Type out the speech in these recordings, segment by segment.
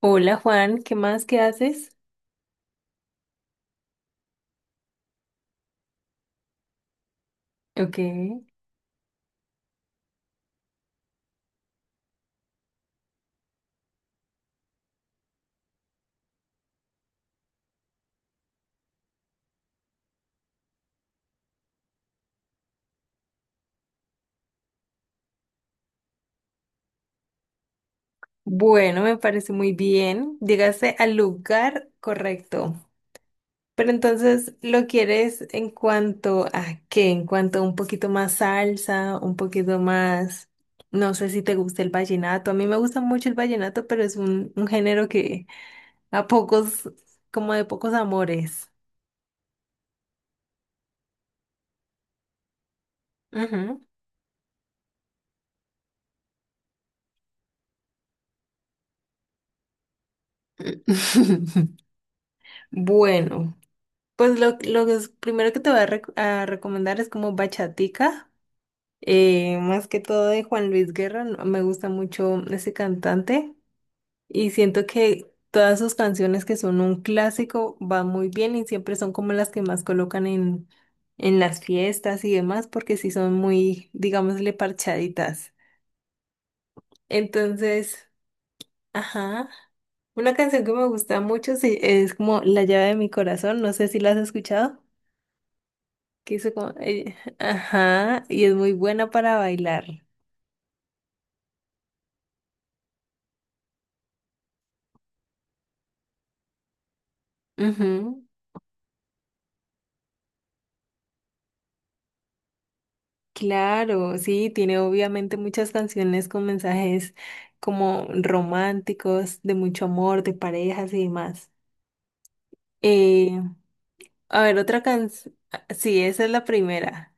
Hola Juan, ¿qué más? ¿Qué haces? Ok. Bueno, me parece muy bien. Llegaste al lugar correcto. Pero entonces, ¿lo quieres en cuanto a qué? En cuanto a un poquito más salsa, un poquito más... No sé si te gusta el vallenato. A mí me gusta mucho el vallenato, pero es un género que a pocos, como de pocos amores. Ujú. Bueno. Pues lo que es- primero que te voy a, rec- a recomendar es como Bachatica, más que todo de Juan Luis Guerra, no- me gusta mucho ese cantante y siento que todas sus canciones que son un clásico van muy bien y siempre son como las que más colocan en las fiestas y demás porque sí son muy, digámosle, parchaditas. Entonces, ajá, una canción que me gusta mucho sí, es como La llave de mi corazón, no sé si la has escuchado. Que hizo como, ajá, y es muy buena para bailar. Ujú. Claro, sí, tiene obviamente muchas canciones con mensajes como románticos, de mucho amor, de parejas y demás. Eh, a ver, otra canción, sí, esa es la primera.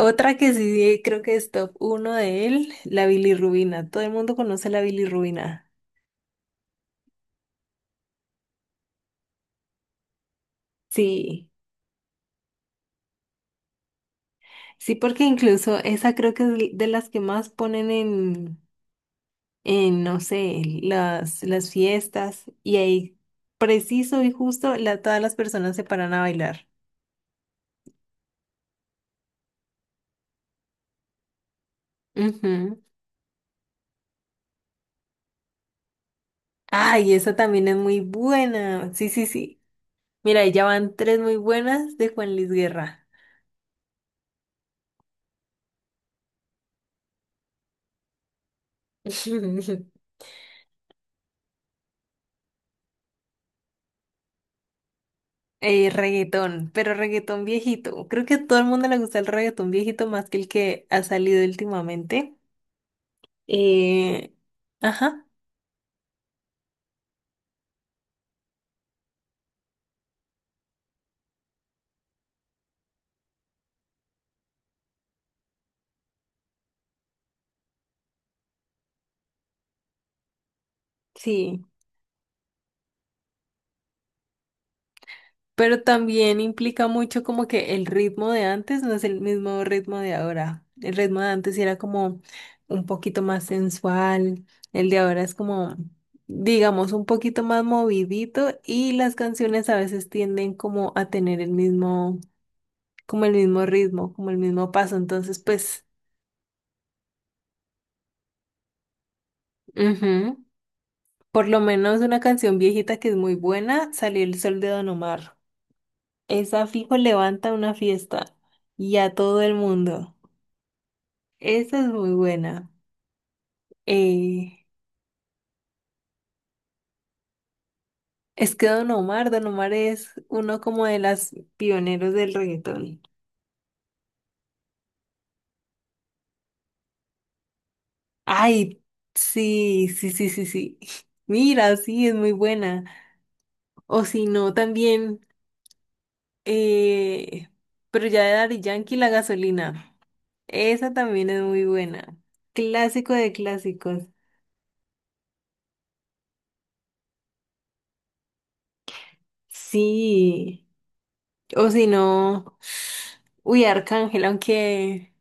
Otra que sí creo que es top uno de él, la bilirrubina. Todo el mundo conoce la bilirrubina. Sí, sí, porque incluso esa creo que es de las que más ponen en, no sé, las fiestas y ahí preciso y justo la, todas las personas se paran a bailar. Ujú. Ay, esa también es muy buena. Sí, sí, sí. Mira, ahí ya van tres muy buenas de Juan Luis Guerra. Reggaetón, pero reggaetón viejito. Creo que a todo el mundo le gusta el reggaetón viejito más que el que ha salido últimamente. Eh, ajá, sí. Pero también implica mucho como que el ritmo de antes no es el mismo ritmo de ahora. El ritmo de antes era como un poquito más sensual, el de ahora es como, digamos, un poquito más movidito y las canciones a veces tienden como a tener el mismo, como el mismo ritmo, como el mismo paso. Entonces, pues, ujú. Por lo menos una canción viejita que es muy buena, Salió el sol de Don Omar. Esa fijo levanta una fiesta y a todo el mundo. Esa es muy buena. Eh, es que Don Omar, Don Omar es uno como de las pioneros del reggaetón. Ay, sí, sí, sí, sí, sí. Mira, sí, es muy buena. O si no, también, eh, pero ya de Daddy Yankee, La Gasolina. Esa también es muy buena. Clásico de clásicos. Sí. O si no, uy, Arcángel, aunque...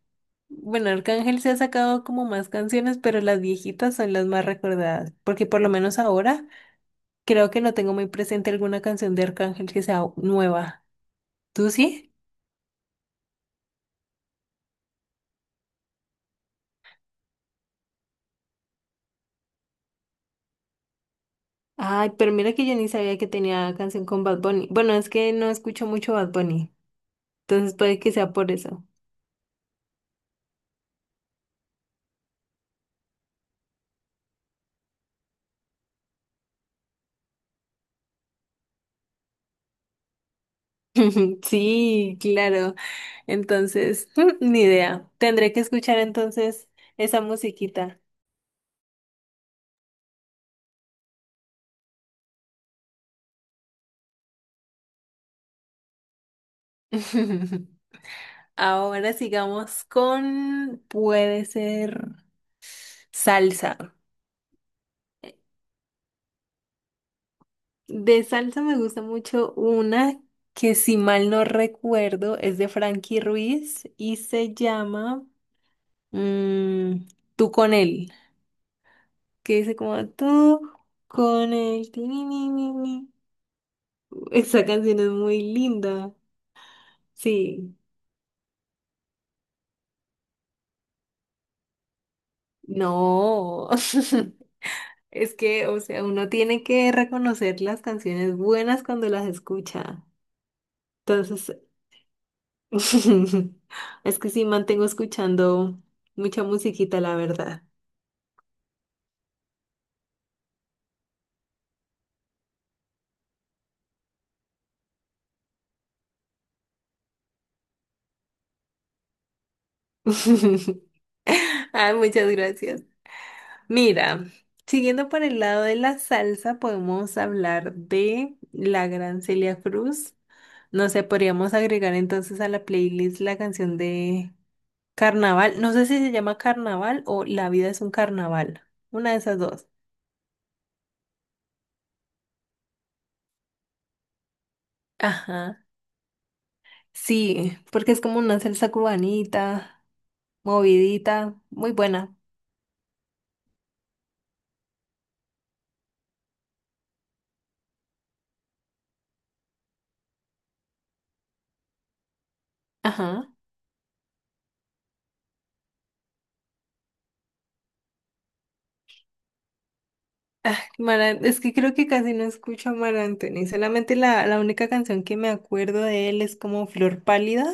Bueno, Arcángel se ha sacado como más canciones, pero las viejitas son las más recordadas, porque por lo menos ahora creo que no tengo muy presente alguna canción de Arcángel que sea nueva. ¿Tú sí? Ay, pero mira que yo ni sabía que tenía canción con Bad Bunny. Bueno, es que no escucho mucho Bad Bunny, entonces puede que sea por eso. Sí, claro. Entonces, ni idea. Tendré que escuchar entonces esa musiquita. Ahora sigamos con, puede ser. Salsa. De salsa me gusta mucho una que si mal no recuerdo es de Frankie Ruiz y se llama mm, Tú con él, que dice como tú con él. Ti, ni, ni, ni, ni". Esa canción es muy linda. Sí, no. Es que, o sea, uno tiene que reconocer las canciones buenas cuando las escucha. Entonces, es que sí, mantengo escuchando mucha musiquita, la verdad. Ay, muchas gracias. Mira, siguiendo por el lado de la salsa, podemos hablar de la gran Celia Cruz. No sé, podríamos agregar entonces a la playlist la canción de Carnaval. No sé si se llama Carnaval o La vida es un carnaval. Una de esas dos. Ajá. Sí, porque es como una salsa cubanita, movidita, muy buena. Ajá. Mara, es que creo que casi no escucho a Mar Anthony. Solamente la única canción que me acuerdo de él es como Flor Pálida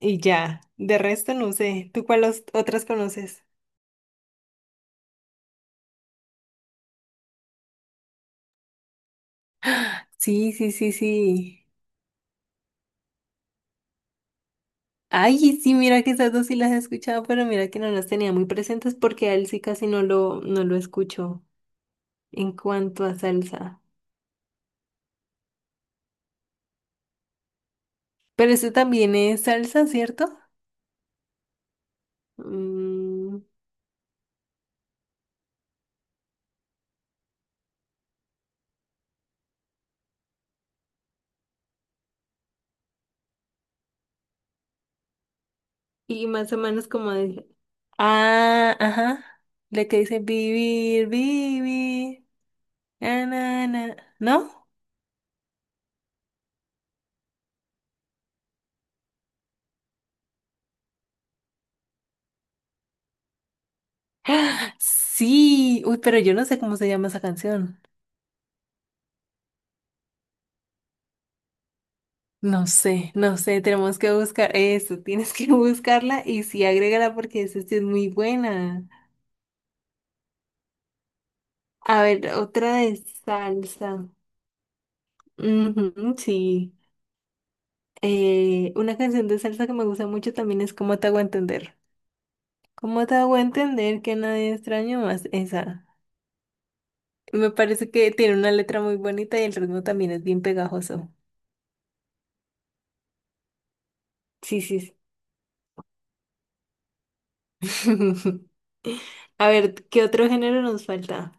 y ya. De resto no sé. ¿Tú cuáles otras conoces? Sí, sí, sí, sí. Ay, sí, mira que esas dos sí las he escuchado, pero mira que no las tenía muy presentes porque a él sí casi no lo escucho en cuanto a salsa. Pero eso también es salsa, ¿cierto? Mm. Y más o menos como de, ah, ajá. La que dice vivir, vivir. Na, na, na". ¿No? ¡Ah! Sí. Uy, pero yo no sé cómo se llama esa canción. No sé, no sé. Tenemos que buscar eso. Tienes que buscarla y sí, agrégala porque esa sí es muy buena. A ver, otra de salsa. Ujú, sí. Una canción de salsa que me gusta mucho también es ¿Cómo te hago entender? ¿Cómo te hago entender que nadie extraño más esa? Me parece que tiene una letra muy bonita y el ritmo también es bien pegajoso. Sí, sí. Sí. A ver, ¿qué otro género nos falta?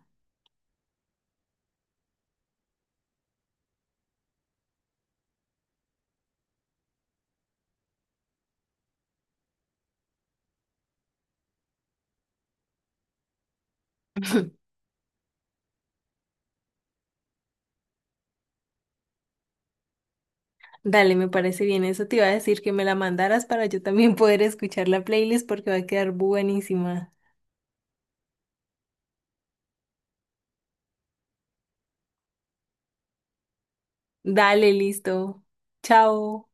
Dale, me parece bien. Eso te iba a decir que me la mandaras para yo también poder escuchar la playlist porque va a quedar buenísima. Dale, listo. Chao.